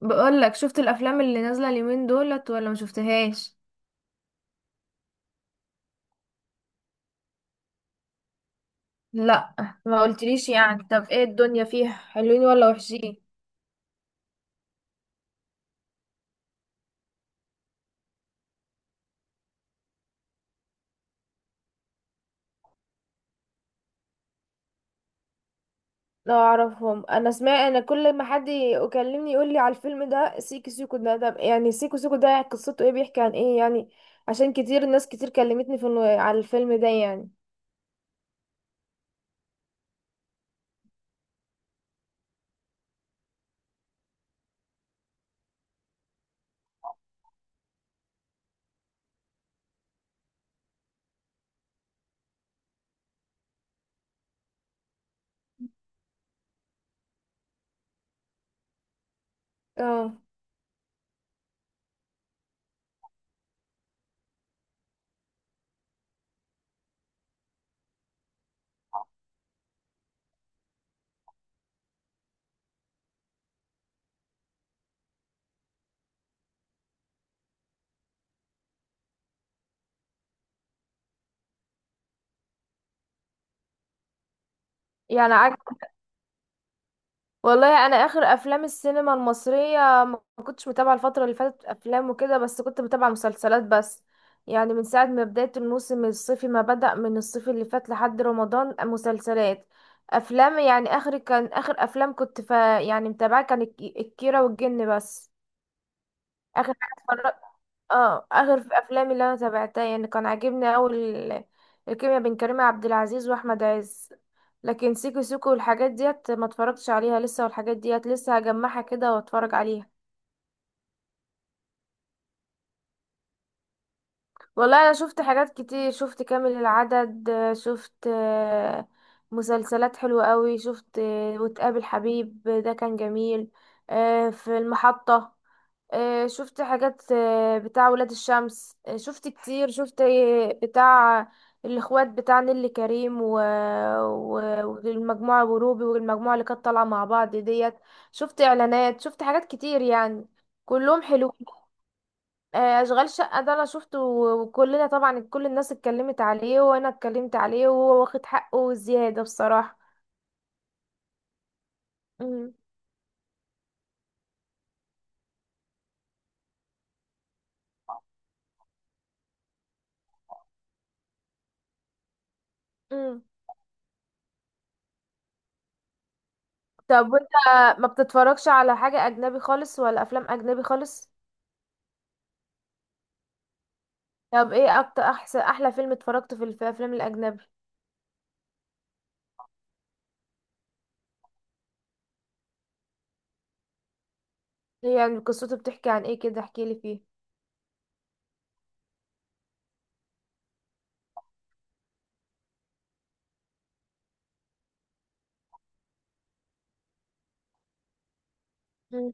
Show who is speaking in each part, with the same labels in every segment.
Speaker 1: بقول لك، شفت الافلام اللي نازله اليومين دولت ولا ما شفتهاش؟ لا. ما قلتليش يعني، طب ايه؟ الدنيا فيها حلوين ولا وحشين؟ لا اعرفهم. انا سمعت، انا كل ما حد يكلمني يقول لي على الفيلم ده سيكو سيكو ده. طب يعني سيكو سيكو ده قصته ايه؟ بيحكي عن ايه يعني؟ عشان كتير، ناس كتير كلمتني في على الفيلم ده يعني. اه. يعني والله انا اخر افلام السينما المصريه، ما كنتش متابعه الفتره اللي فاتت افلام وكده، بس كنت متابعه مسلسلات بس. يعني من ساعه ما بدايه الموسم الصيفي، ما بدأ من الصيف اللي فات لحد رمضان مسلسلات، افلام. يعني اخر، كان اخر افلام كنت ف، يعني متابعه، كان الكيره والجن بس. اخر حاجه، اه اخر في افلامي اللي انا تابعتها يعني كان عاجبني اول الكيمياء بين كريم عبد العزيز واحمد عز. لكن سيكو سيكو والحاجات ديت ما اتفرجتش عليها لسه، والحاجات ديت لسه هجمعها كده واتفرج عليها. والله انا شفت حاجات كتير. شفت كامل العدد، شفت مسلسلات حلوة قوي. شفت وتقابل حبيب ده كان جميل. في المحطة. شفت حاجات بتاع ولاد الشمس. شفت كتير. شفت بتاع الاخوات بتاع نيللي كريم و... والمجموعة وروبي والمجموعة اللي كانت طالعة مع بعض ديت. شفت اعلانات، شفت حاجات كتير يعني. كلهم حلوين. اشغال شقة ده انا شفته، وكلنا طبعا كل الناس اتكلمت عليه، وانا اتكلمت عليه، وهو واخد حقه وزيادة بصراحة. مم. مم. طب وانت ما بتتفرجش على حاجة اجنبي خالص؟ ولا افلام اجنبي خالص؟ طب ايه اكتر، احسن، احلى فيلم اتفرجته في الافلام الاجنبي؟ هي يعني قصته بتحكي عن ايه كده؟ احكي لي فيه. مم.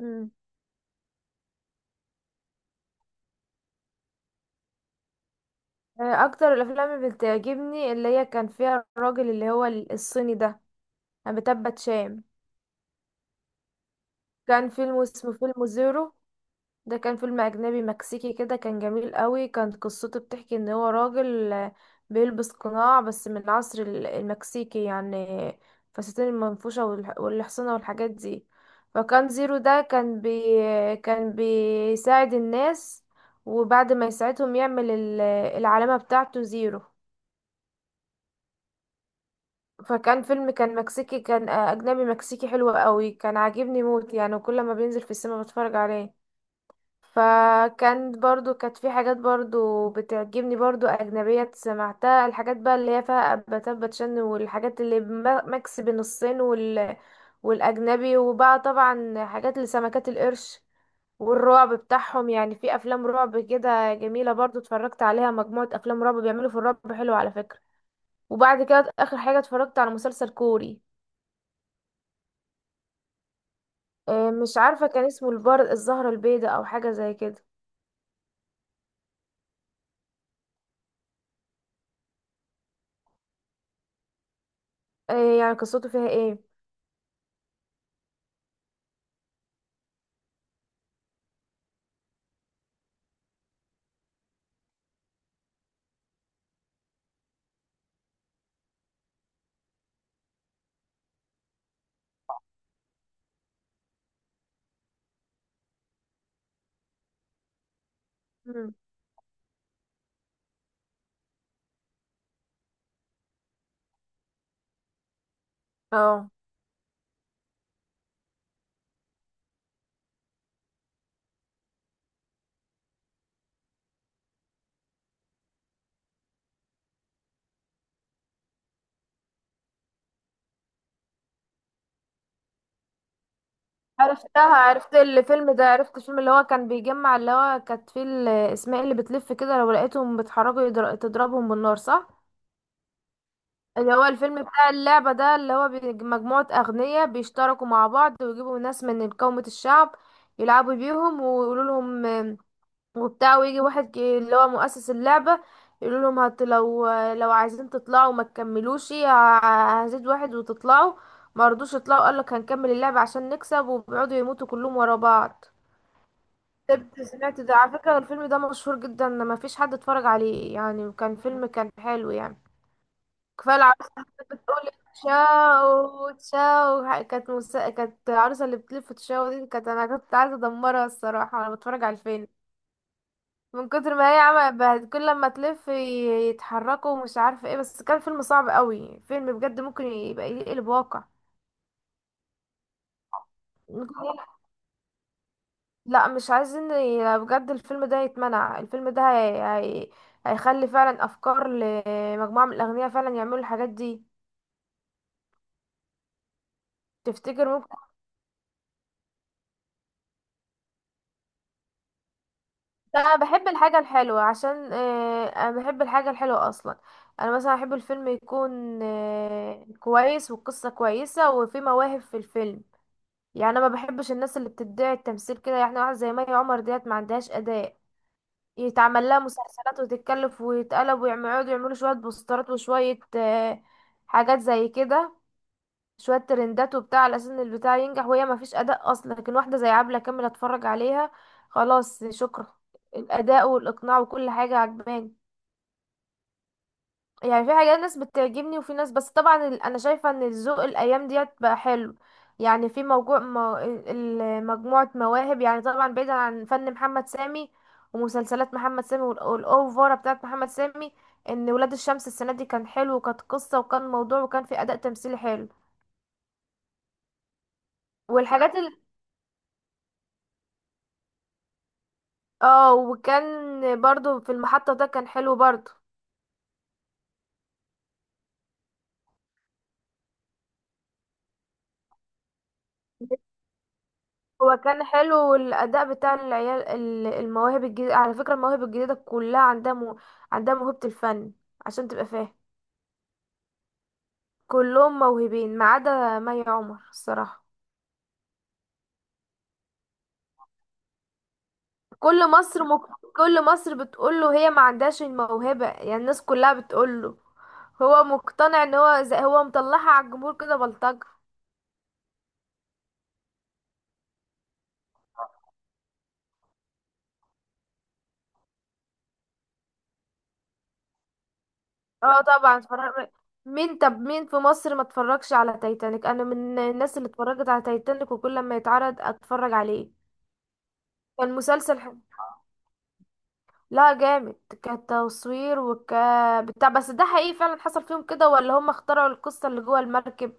Speaker 1: مم. اكتر الافلام اللي بتعجبني اللي هي كان فيها الراجل اللي هو الصيني ده، بتبت شام. كان فيلم اسمه فيلم زيرو. ده كان فيلم أجنبي مكسيكي كده، كان جميل قوي. كانت قصته بتحكي إن هو راجل بيلبس قناع، بس من العصر المكسيكي يعني، فساتين المنفوشة والحصانة والحاجات دي. فكان زيرو ده كان كان بيساعد الناس، وبعد ما يساعدهم يعمل العلامة بتاعته زيرو. فكان فيلم كان مكسيكي، كان أجنبي مكسيكي حلو قوي، كان عاجبني موت يعني، وكل ما بينزل في السينما بتفرج عليه. فكانت برضو، كانت في حاجات برضو بتعجبني برضو أجنبية سمعتها، الحاجات بقى اللي هي فيها أباتات باتشان والحاجات اللي ميكس بين الصين والأجنبي. وبقى طبعا حاجات لسمكات القرش والرعب بتاعهم، يعني في أفلام رعب كده جميلة برضو اتفرجت عليها، مجموعة أفلام رعب. بيعملوا في الرعب حلو على فكرة. وبعد كده آخر حاجة اتفرجت على مسلسل كوري. مش عارفة، كان اسمه البار الزهرة البيضاء أو حاجة زي كده. يعني قصته فيها ايه؟ مم. اه. عرفتها، عرفت الفيلم ده، عرفت الفيلم اللي هو كان بيجمع، اللي هو كانت فيه الاسماء اللي بتلف كده، لو لقيتهم بيتحركوا تضربهم بالنار، صح؟ اللي هو الفيلم بتاع اللعبة ده، اللي هو مجموعة أغنياء بيشتركوا مع بعض ويجيبوا ناس من قومة الشعب يلعبوا بيهم ويقولوا لهم وبتاع، ويجي واحد اللي هو مؤسس اللعبة يقولوا لهم هت، لو عايزين تطلعوا ما تكملوش، هزيد واحد وتطلعوا. ما رضوش يطلعوا، قال لك هنكمل اللعبة عشان نكسب، وبيقعدوا يموتوا كلهم ورا بعض. سمعت ده، على فكرة الفيلم ده مشهور جدا، ما فيش حد اتفرج عليه يعني. كان فيلم كان حلو يعني. كفاية العروسة اللي بتقول تشاو تشاو، كانت العروسة اللي بتلف تشاو دي، كانت، انا كنت عايزة ادمرها الصراحة وانا بتفرج على الفيلم، من كتر ما هي عمل كل لما تلف يتحركوا ومش عارفة ايه. بس كان فيلم صعب قوي، فيلم بجد ممكن يبقى يقلب واقع. لا مش عايزين بجد الفيلم ده يتمنع، الفيلم ده هيخلي فعلا افكار لمجموعة من الاغنياء فعلا يعملوا الحاجات دي. تفتكر ممكن؟ لا، انا بحب الحاجة الحلوة. عشان انا بحب الحاجة الحلوة اصلا. انا مثلا احب الفيلم يكون كويس والقصة كويسة وفي مواهب في الفيلم. يعني انا ما بحبش الناس اللي بتدعي التمثيل كده، يعني واحد زي مي عمر ديت ما عندهاش اداء، يتعمل لها مسلسلات وتتكلف ويتقلب، ويقعدوا يعملوا شوية بوسترات وشوية حاجات زي كده، شوية ترندات وبتاع، على أساس إن البتاع ينجح وهي مفيش أداء أصلا. لكن واحدة زي عبلة كامل أتفرج عليها، خلاص شكرا، الأداء والإقناع وكل حاجة عجباني. يعني في حاجات، ناس بتعجبني وفي ناس، بس طبعا انا شايفه ان الذوق الايام ديت بقى حلو. يعني في موجوع مو... ال- ال- مجموعه مواهب. يعني طبعا بعيدا عن فن محمد سامي ومسلسلات محمد سامي والاوفره بتاعت محمد سامي، ان ولاد الشمس السنه دي كان حلو، وكانت قصه، وكان موضوع، وكان في اداء تمثيلي حلو. والحاجات ال... اه وكان برضو في المحطه ده كان حلو برضو. هو كان حلو، والاداء بتاع العيال المواهب الجديده. على فكره المواهب الجديده كلها عندها عندها موهبه الفن عشان تبقى فاهم. كلهم موهوبين ما عدا مي عمر الصراحه. كل مصر مك... كل مصر بتقوله هي ما عندهاش الموهبه، يعني الناس كلها بتقوله. هو مقتنع ان هو هو مطلعها على الجمهور كده بلطجه. اه طبعا اتفرج. مين طب مين في مصر ما اتفرجش على تايتانيك؟ انا من الناس اللي اتفرجت على تايتانيك، وكل ما يتعرض اتفرج عليه. كان مسلسل حلو. لا جامد، كتصوير وك، بتاع. بس ده حقيقي فعلا حصل فيهم كده ولا هم اخترعوا القصة اللي جوه المركب؟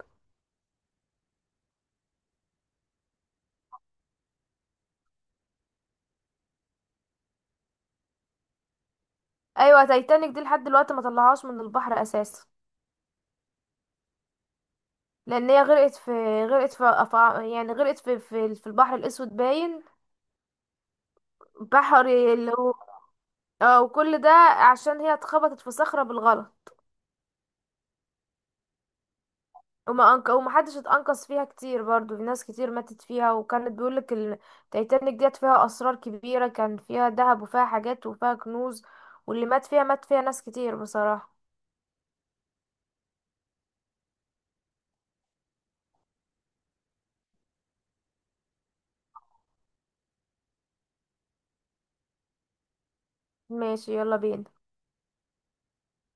Speaker 1: ايوه تايتانيك دي لحد دلوقتي ما طلعهاش من البحر اساسا، لان هي غرقت في يعني غرقت في البحر الاسود باين، بحر اللي هو، اه. وكل ده عشان هي اتخبطت في صخرة بالغلط. ومحدش اتأنقذ فيها كتير، برضو في ناس كتير ماتت فيها، وكانت بيقولك التايتانيك ديت فيها أسرار كبيرة، كان فيها ذهب وفيها حاجات وفيها كنوز. واللي مات فيها، مات فيها ناس كتير بصراحة. ماشي، يلا بينا.